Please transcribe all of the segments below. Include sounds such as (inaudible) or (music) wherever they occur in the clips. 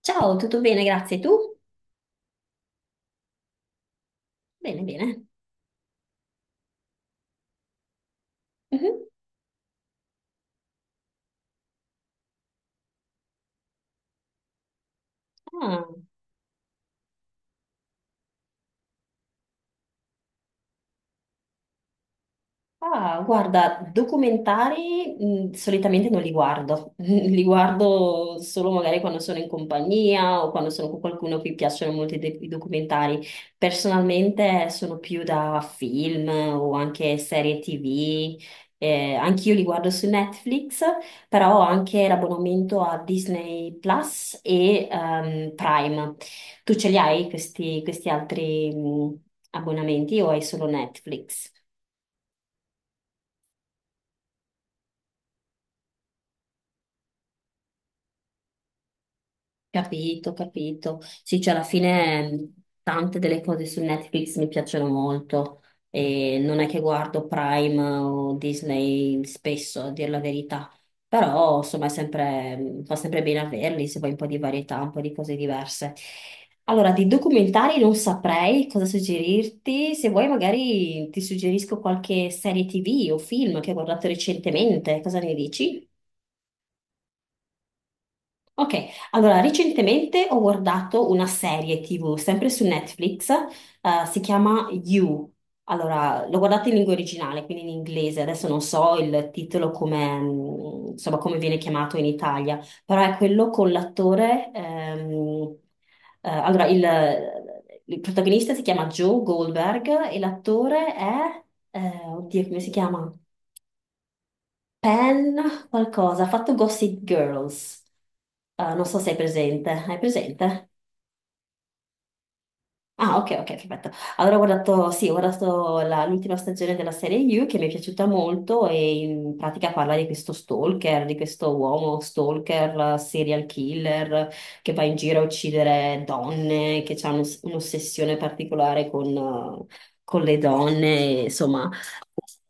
Ciao, tutto bene, grazie. Tu? Bene, bene. Mhm. Ah, Ah, guarda, documentari solitamente non li guardo, (laughs) li guardo solo magari quando sono in compagnia o quando sono con qualcuno a cui piacciono molto i documentari. Personalmente sono più da film o anche serie TV, anch'io li guardo su Netflix, però ho anche l'abbonamento a Disney Plus e Prime. Tu ce li hai questi altri abbonamenti o hai solo Netflix? Capito, capito. Sì, cioè alla fine tante delle cose su Netflix mi piacciono molto e non è che guardo Prime o Disney spesso, a dire la verità, però insomma è sempre, fa sempre bene averli se vuoi un po' di varietà, un po' di cose diverse. Allora, di documentari non saprei cosa suggerirti, se vuoi magari ti suggerisco qualche serie TV o film che ho guardato recentemente, cosa ne dici? Ok, allora recentemente ho guardato una serie TV sempre su Netflix, si chiama You. Allora, l'ho guardata in lingua originale, quindi in inglese, adesso non so il titolo come, insomma, come viene chiamato in Italia, però è quello con l'attore, allora il protagonista si chiama Joe Goldberg e l'attore è, oddio, come si chiama? Pen, qualcosa, ha fatto Gossip Girls. Ah, non so se hai presente. Hai presente? Ah, ok, ok, perfetto. Allora ho guardato, sì, ho guardato l'ultima stagione della serie You che mi è piaciuta molto e in pratica parla di questo stalker, di questo uomo stalker, serial killer che va in giro a uccidere donne, che ha un'ossessione particolare con le donne, e, insomma.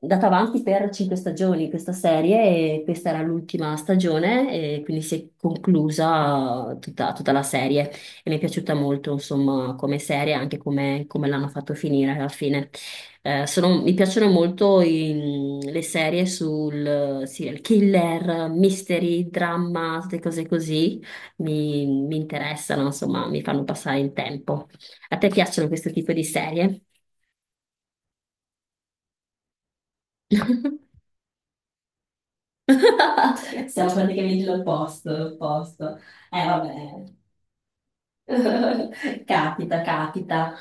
È andata avanti per cinque stagioni questa serie e questa era l'ultima stagione e quindi si è conclusa tutta la serie e mi è piaciuta molto, insomma, come serie, anche come, come l'hanno fatto finire alla fine. Mi piacciono molto le serie sul serial killer, mystery, dramma, queste cose così, mi interessano, insomma, mi fanno passare il tempo. A te piacciono questo tipo di serie? (laughs) Siamo praticamente l'opposto, l'opposto. Vabbè. (laughs) Capita, capita.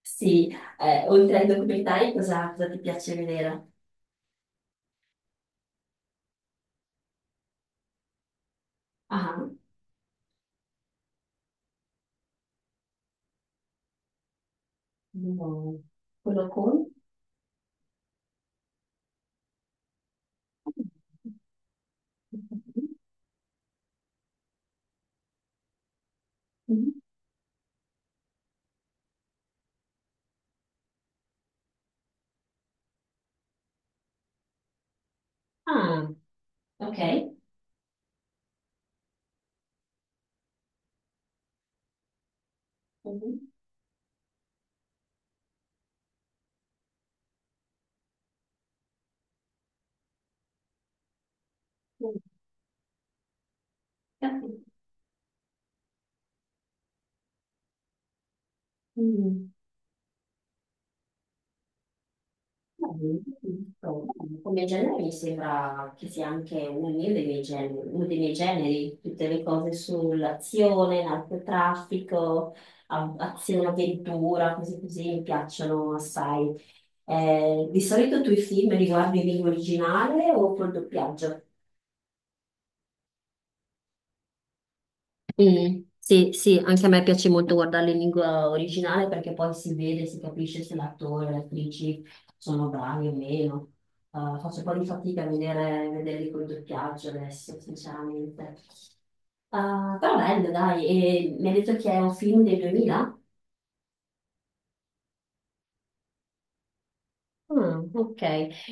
Sì, oltre ai documentari, cosa ti piace vedere? Ah, no. Quello con? (laughs) Mhm. Ah, ok. Mhm. Capito. Mm. Beh, giusto. Come genere mi sembra che sia anche uno dei miei generi, uno dei miei generi, tutte le cose sull'azione, narcotraffico, azione, avventura, cose così mi piacciono assai. Di solito tu i film li guardi in lingua originale o col doppiaggio? Mm, sì, sì, anche a me piace molto guardarle in lingua originale perché poi si vede, si capisce se l'attore e le attrici sono bravi o meno. Faccio un po' di fatica a vedere, vederli col doppiaggio adesso, sinceramente. Però bello, dai, e mi hai detto che è un film del 2000? Mm, ok,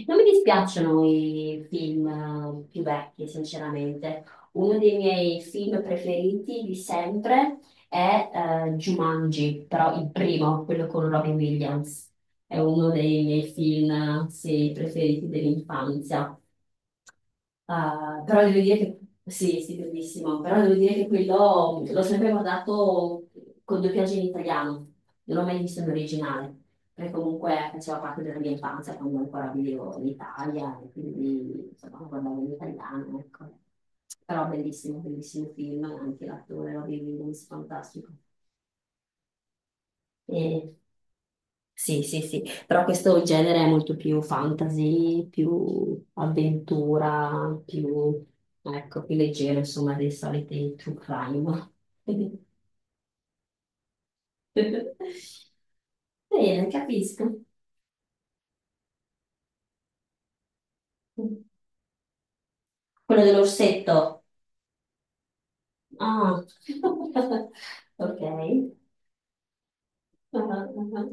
non mi dispiacciono i film più vecchi, sinceramente. Uno dei miei film preferiti di sempre è Jumanji, però il primo, quello con Robin Williams. È uno dei miei film, sì, preferiti dell'infanzia. Ah, però devo dire che sì, sì, bellissimo, però devo dire che quello l'ho sempre guardato con doppiaggio in italiano, non l'ho mai visto in originale, perché comunque faceva parte della mia infanzia quando ancora vivevo in Italia, e quindi insomma lo guardavo in italiano, ecco. Però bellissimo, bellissimo film, anche l'attore Robin Williams, fantastico. E sì, sì, sì, però questo genere è molto più fantasy, più avventura, più, ecco, più leggero, insomma, dei soliti true crime. (laughs) Bene, capisco. Quello dell'orsetto. Ah, (laughs) ok. Ah, ah, ah.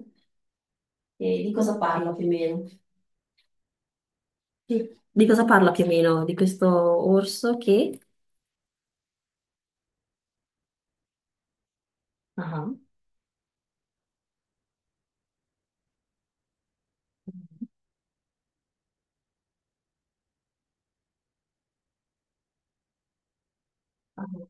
E di cosa parla più o meno? Sì. Di cosa parla più o meno? Di questo orso che... Ah. Ah.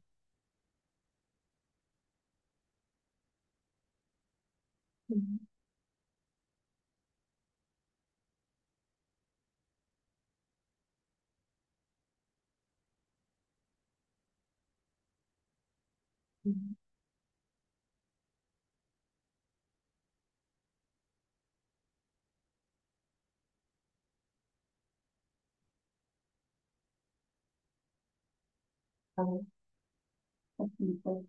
Ah. Capito.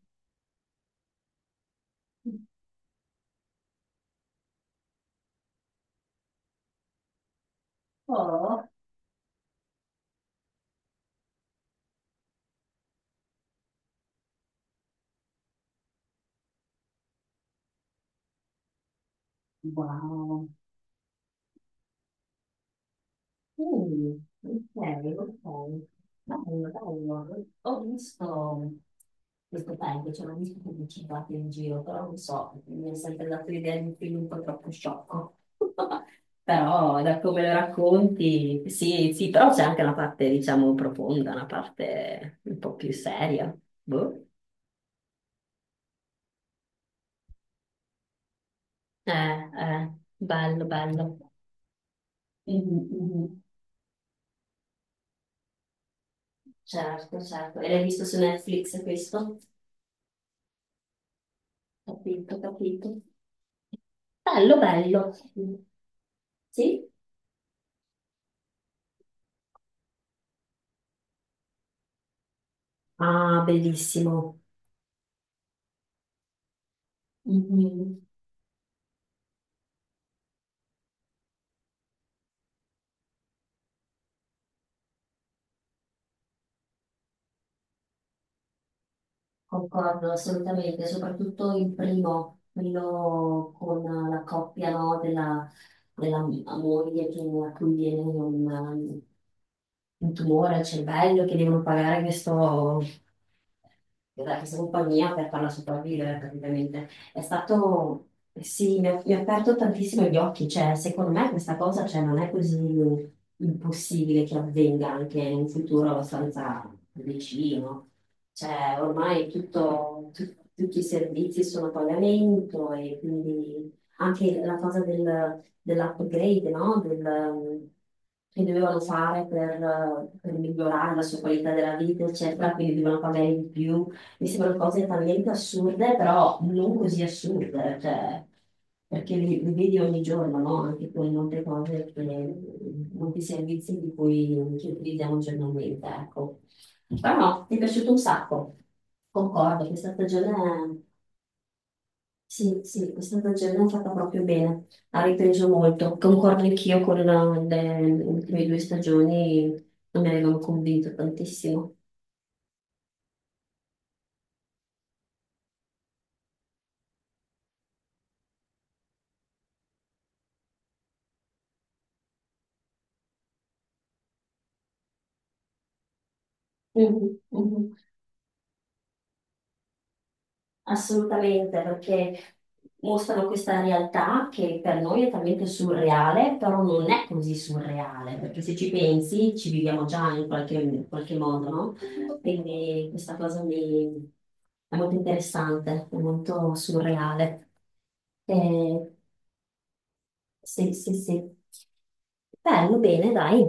Oh, wow. Mm, ok, ok. Bello, bello. Ho visto questo paio, cioè ho visto pubblicitati in giro, però non so, mi è sempre dato l'idea di un film un po' troppo sciocco. (laughs) Però da come lo racconti, sì, sì, però c'è anche una parte, diciamo, profonda, una parte un po' più seria. Boh. Eh, eh, bello, bello. Mhm, mhm. Certo, certo. E l'hai visto su Netflix questo? Capito, capito. Bello, bello. Sì? Ah, bellissimo. Mhm, concordo assolutamente, soprattutto il primo, quello con la coppia, no, della, della moglie che a cui viene un tumore al cervello, che devono pagare questo, della questa compagnia per farla sopravvivere praticamente. È stato, sì, mi ha aperto tantissimo gli occhi, cioè secondo me questa cosa cioè, non è così impossibile che avvenga anche in un futuro abbastanza vicino. Cioè ormai tutto, tutti i servizi sono a pagamento e quindi anche la cosa dell'upgrade, no? Che dovevano fare per migliorare la sua qualità della vita, eccetera, quindi dovevano pagare di più. Mi sembrano cose talmente assurde, però non così assurde, cioè, perché li vedi ogni giorno, no? Anche con molte cose, che, molti servizi di cui che utilizziamo giornalmente, ecco. Però no, mi è piaciuto un sacco, concordo, questa stagione, sì, sì, questa stagione è fatta proprio bene, ha ripreso molto, concordo anch'io con le ultime due stagioni, non mi avevano convinto tantissimo. Mhm, mhm. Assolutamente, perché mostrano questa realtà che per noi è talmente surreale, però non è così surreale, perché se ci pensi ci viviamo già in qualche modo, no? Quindi questa cosa mi... è molto interessante, è molto surreale. E se, se, se... Bello, bene, dai.